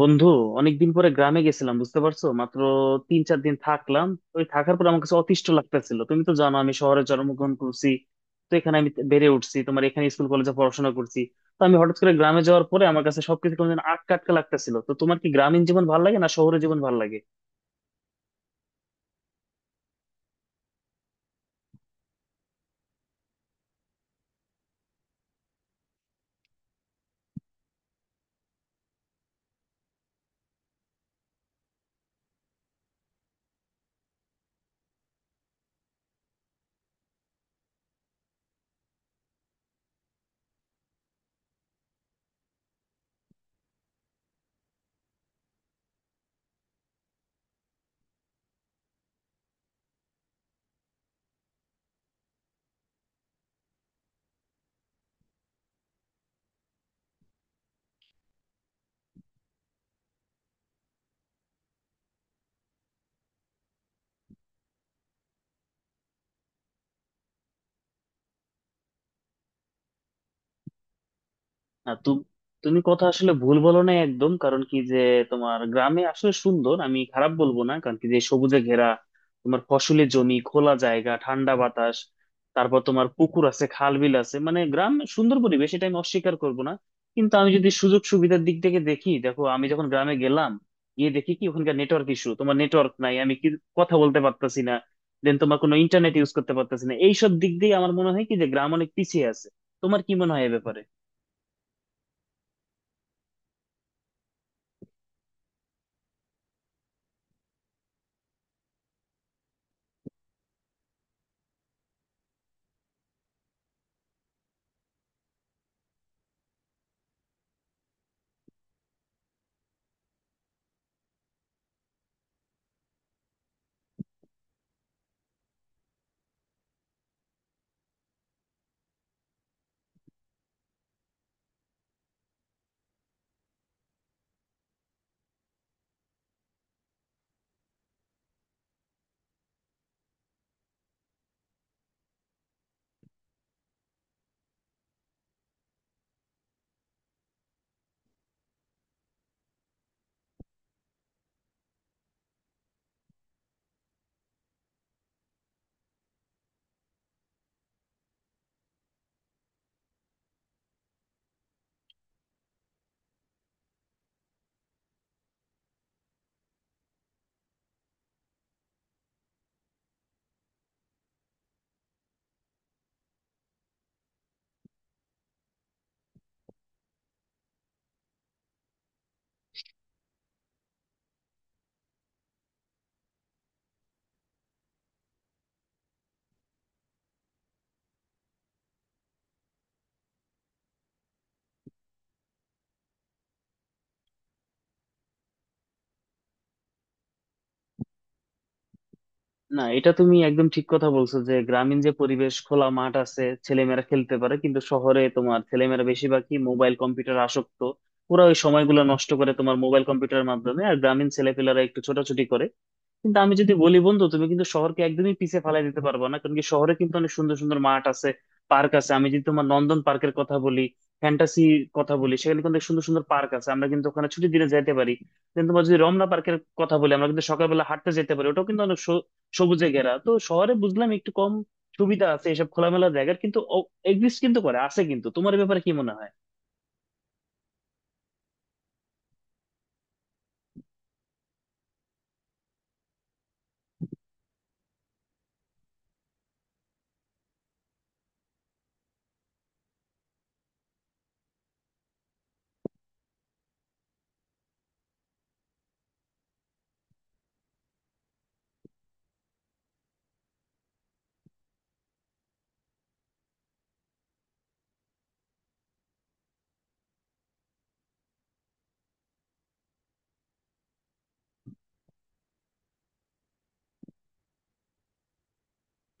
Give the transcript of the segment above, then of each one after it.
বন্ধু, অনেকদিন পরে গ্রামে গেছিলাম, বুঝতে পারছো। মাত্র তিন চার দিন থাকলাম। ওই থাকার পর আমার কাছে অতিষ্ঠ লাগতেছিল। তুমি তো জানো আমি শহরে জন্মগ্রহণ করছি, তো এখানে আমি বেড়ে উঠছি, তোমার এখানে স্কুল কলেজে পড়াশোনা করছি। তো আমি হঠাৎ করে গ্রামে যাওয়ার পরে আমার কাছে সবকিছু কেমন যেন আটকা আটকা লাগতেছিল। তো তোমার কি গ্রামীণ জীবন ভালো লাগে, না শহরের জীবন ভালো লাগে? না, তুমি কথা আসলে ভুল বলো না একদম। কারণ কি যে তোমার গ্রামে আসলে সুন্দর, আমি খারাপ বলবো না। কারণ কি যে সবুজে ঘেরা, তোমার ফসলের জমি, খোলা জায়গা, ঠান্ডা বাতাস, তারপর তোমার পুকুর আছে, খাল বিল আছে, মানে গ্রাম সুন্দর পরিবেশ, এটা আমি অস্বীকার করবো না। কিন্তু আমি যদি সুযোগ সুবিধার দিক থেকে দেখি, দেখো, আমি যখন গ্রামে গেলাম, গিয়ে দেখি কি ওখানকার নেটওয়ার্ক ইস্যু, তোমার নেটওয়ার্ক নাই, আমি কি কথা বলতে পারতাছি না, দেন তোমার কোনো ইন্টারনেট ইউজ করতে পারতাছি না। এইসব দিক দিয়ে আমার মনে হয় কি যে গ্রাম অনেক পিছিয়ে আছে। তোমার কি মনে হয় এ ব্যাপারে? না, এটা তুমি একদম ঠিক কথা বলছো যে গ্রামীণ যে পরিবেশ, খোলা মাঠ আছে, ছেলেমেয়েরা খেলতে পারে, কিন্তু শহরে তোমার ছেলেমেয়েরা বেশিরভাগই মোবাইল কম্পিউটার আসক্ত। ওরা ওই সময়গুলো নষ্ট করে তোমার মোবাইল কম্পিউটারের মাধ্যমে, আর গ্রামীণ ছেলেপেলেরা একটু ছোটাছুটি করে। কিন্তু আমি যদি বলি বন্ধু, তুমি কিন্তু শহরকে একদমই পিছিয়ে ফেলাই দিতে পারবে না। কারণ কি, শহরে কিন্তু অনেক সুন্দর সুন্দর মাঠ আছে, পার্ক আছে। আমি যদি তোমার নন্দন পার্কের কথা বলি, ফ্যান্টাসি কথা বলি, সেখানে কিন্তু অনেক সুন্দর সুন্দর পার্ক আছে, আমরা কিন্তু ওখানে ছুটির দিনে যেতে পারি। দেন তোমার যদি রমনা পার্কের কথা বলি, আমরা কিন্তু সকালবেলা হাঁটতে যেতে পারি, ওটাও কিন্তু অনেক সবুজে ঘেরা। তো শহরে বুঝলাম একটু কম সুবিধা আছে এসব খোলামেলা জায়গার, কিন্তু এক্সিস্ট কিন্তু করে আছে। কিন্তু তোমার এ ব্যাপারে কি মনে হয়?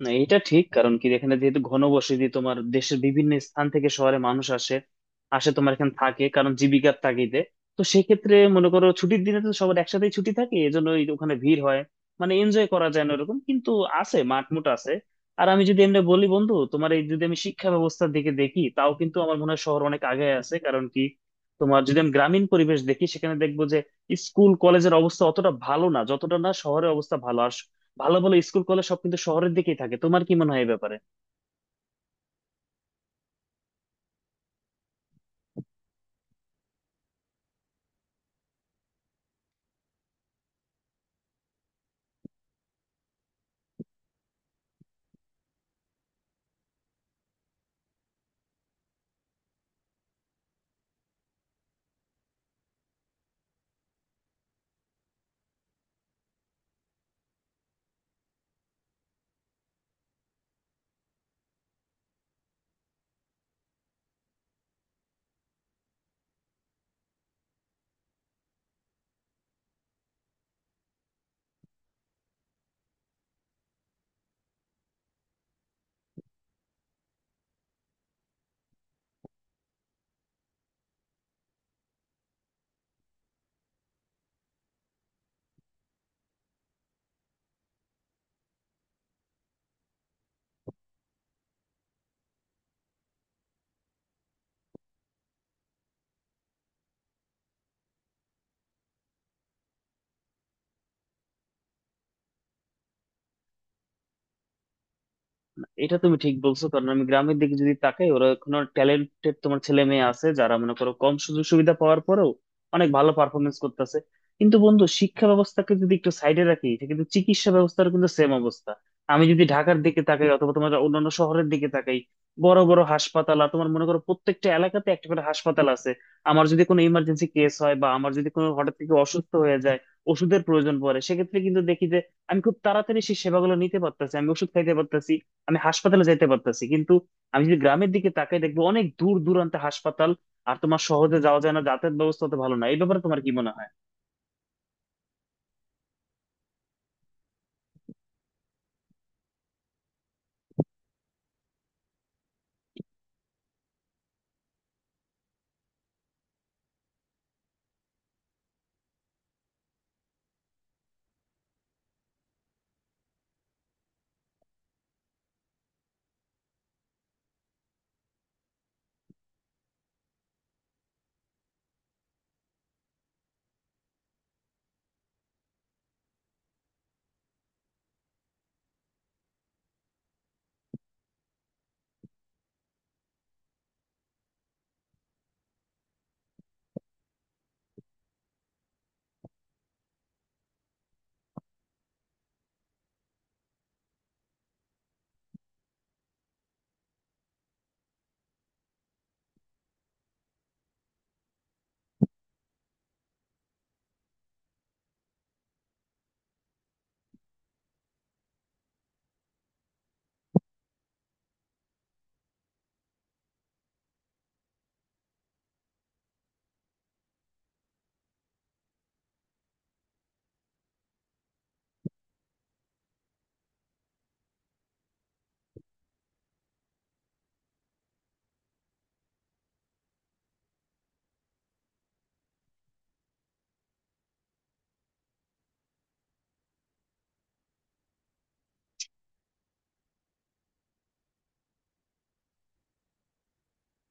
না, এটা ঠিক। কারণ কি, এখানে যেহেতু ঘনবসতি, তোমার দেশের বিভিন্ন স্থান থেকে শহরে মানুষ আসে, আসে তোমার এখানে থাকে কারণ জীবিকার তাগিদে। তো সেক্ষেত্রে মনে করো, ছুটির দিনে তো সবার একসাথেই ছুটি থাকে, এজন্য ওই ওখানে ভিড় হয়, মানে এনজয় করা যায় না ওরকম, কিন্তু আছে মাঠ মুঠ আছে। আর আমি যদি এমনি বলি বন্ধু, তোমার এই যদি আমি শিক্ষা ব্যবস্থার দিকে দেখি, তাও কিন্তু আমার মনে হয় শহর অনেক আগে আছে। কারণ কি, তোমার যদি আমি গ্রামীণ পরিবেশ দেখি, সেখানে দেখবো যে স্কুল কলেজের অবস্থা অতটা ভালো না যতটা না শহরের অবস্থা ভালো। আর ভালো ভালো স্কুল কলেজ সব কিন্তু শহরের দিকেই থাকে। তোমার কি মনে হয় এই ব্যাপারে? এটা তুমি ঠিক বলছো। কারণ আমি গ্রামের দিকে যদি তাকাই, ওরা এখন ট্যালেন্টেড তোমার ছেলে মেয়ে আছে, যারা মনে করো কম সুযোগ সুবিধা পাওয়ার পরেও অনেক ভালো পারফরমেন্স করতেছে। কিন্তু বন্ধু, শিক্ষা ব্যবস্থাকে যদি একটু সাইডে রাখি, সে কিন্তু চিকিৎসা ব্যবস্থার কিন্তু সেম অবস্থা। আমি যদি ঢাকার দিকে তাকাই অথবা তোমার অন্যান্য শহরের দিকে তাকাই, বড় বড় হাসপাতাল, আর তোমার মনে করো প্রত্যেকটা এলাকাতে একটা করে হাসপাতাল আছে। আমার যদি কোনো ইমার্জেন্সি কেস হয়, বা আমার যদি কোনো হঠাৎ থেকে অসুস্থ হয়ে যায়, ওষুধের প্রয়োজন পড়ে, সেক্ষেত্রে কিন্তু দেখি যে আমি খুব তাড়াতাড়ি সেই সেবাগুলো নিতে পারতেছি, আমি ওষুধ খাইতে পারতেছি, আমি হাসপাতালে যেতে পারতেছি। কিন্তু আমি যদি গ্রামের দিকে তাকাই, দেখবো অনেক দূর দূরান্তে হাসপাতাল, আর তোমার শহরে যাওয়া যায় না, যাতায়াত ব্যবস্থা তো ভালো না। এই ব্যাপারে তোমার কি মনে হয়?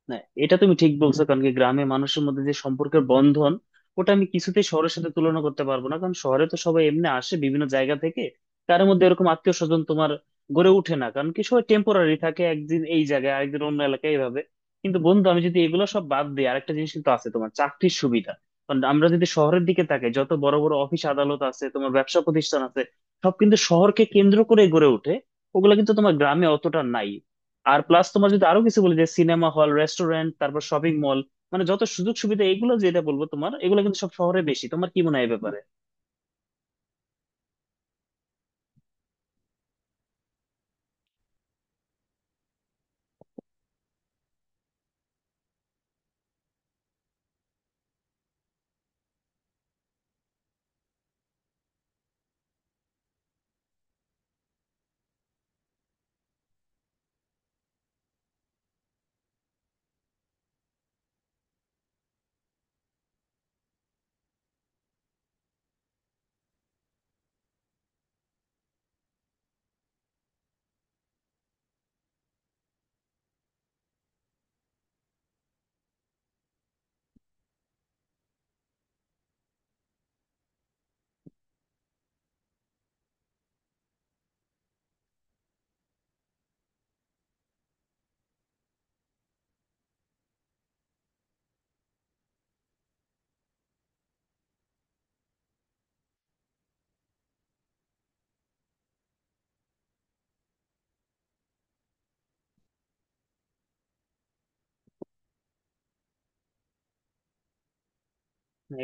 না, এটা তুমি ঠিক বলছো। কারণ কি, গ্রামে মানুষের মধ্যে যে সম্পর্কের বন্ধন, ওটা আমি কিছুতেই শহরের সাথে তুলনা করতে পারবো না। কারণ শহরে তো সবাই এমনি আসে বিভিন্ন জায়গা থেকে, তার মধ্যে এরকম আত্মীয় স্বজন তোমার গড়ে ওঠে না। কারণ কি, সবাই টেম্পোরারি থাকে, একদিন এই জায়গায়, আরেকদিন অন্য এলাকায়, এইভাবে। কিন্তু বন্ধু, আমি যদি এগুলো সব বাদ দিই, আরেকটা জিনিস কিন্তু আছে, তোমার চাকরির সুবিধা। কারণ আমরা যদি শহরের দিকে তাকাই, যত বড় বড় অফিস আদালত আছে, তোমার ব্যবসা প্রতিষ্ঠান আছে, সব কিন্তু শহরকে কেন্দ্র করে গড়ে ওঠে, ওগুলো কিন্তু তোমার গ্রামে অতটা নাই। আর প্লাস তোমার যদি আরো কিছু বলি, যে সিনেমা হল, রেস্টুরেন্ট, তারপর শপিং মল, মানে যত সুযোগ সুবিধা, এগুলো যেটা বলবো তোমার, এগুলো কিন্তু সব শহরে বেশি। তোমার কি মনে হয় এই ব্যাপারে?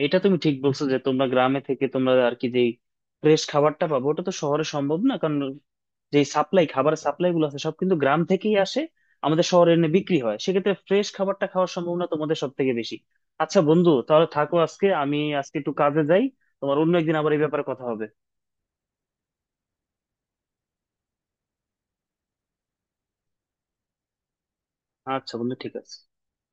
এটা তুমি ঠিক বলছো যে তোমরা গ্রামে থেকে তোমরা আর কি যে ফ্রেশ খাবারটা পাবো, ওটা তো শহরে সম্ভব না। কারণ যে সাপ্লাই, খাবার সাপ্লাই গুলো আছে সব কিন্তু গ্রাম থেকেই আসে, আমাদের শহরে এনে বিক্রি হয়, সেক্ষেত্রে ফ্রেশ খাবারটা খাওয়ার সম্ভাবনা তোমাদের সব থেকে বেশি। আচ্ছা বন্ধু, তাহলে থাকো, আজকে আমি আজকে একটু কাজে যাই। তোমার অন্য একদিন আবার এই ব্যাপারে কথা হবে। আচ্ছা বন্ধু, ঠিক আছে।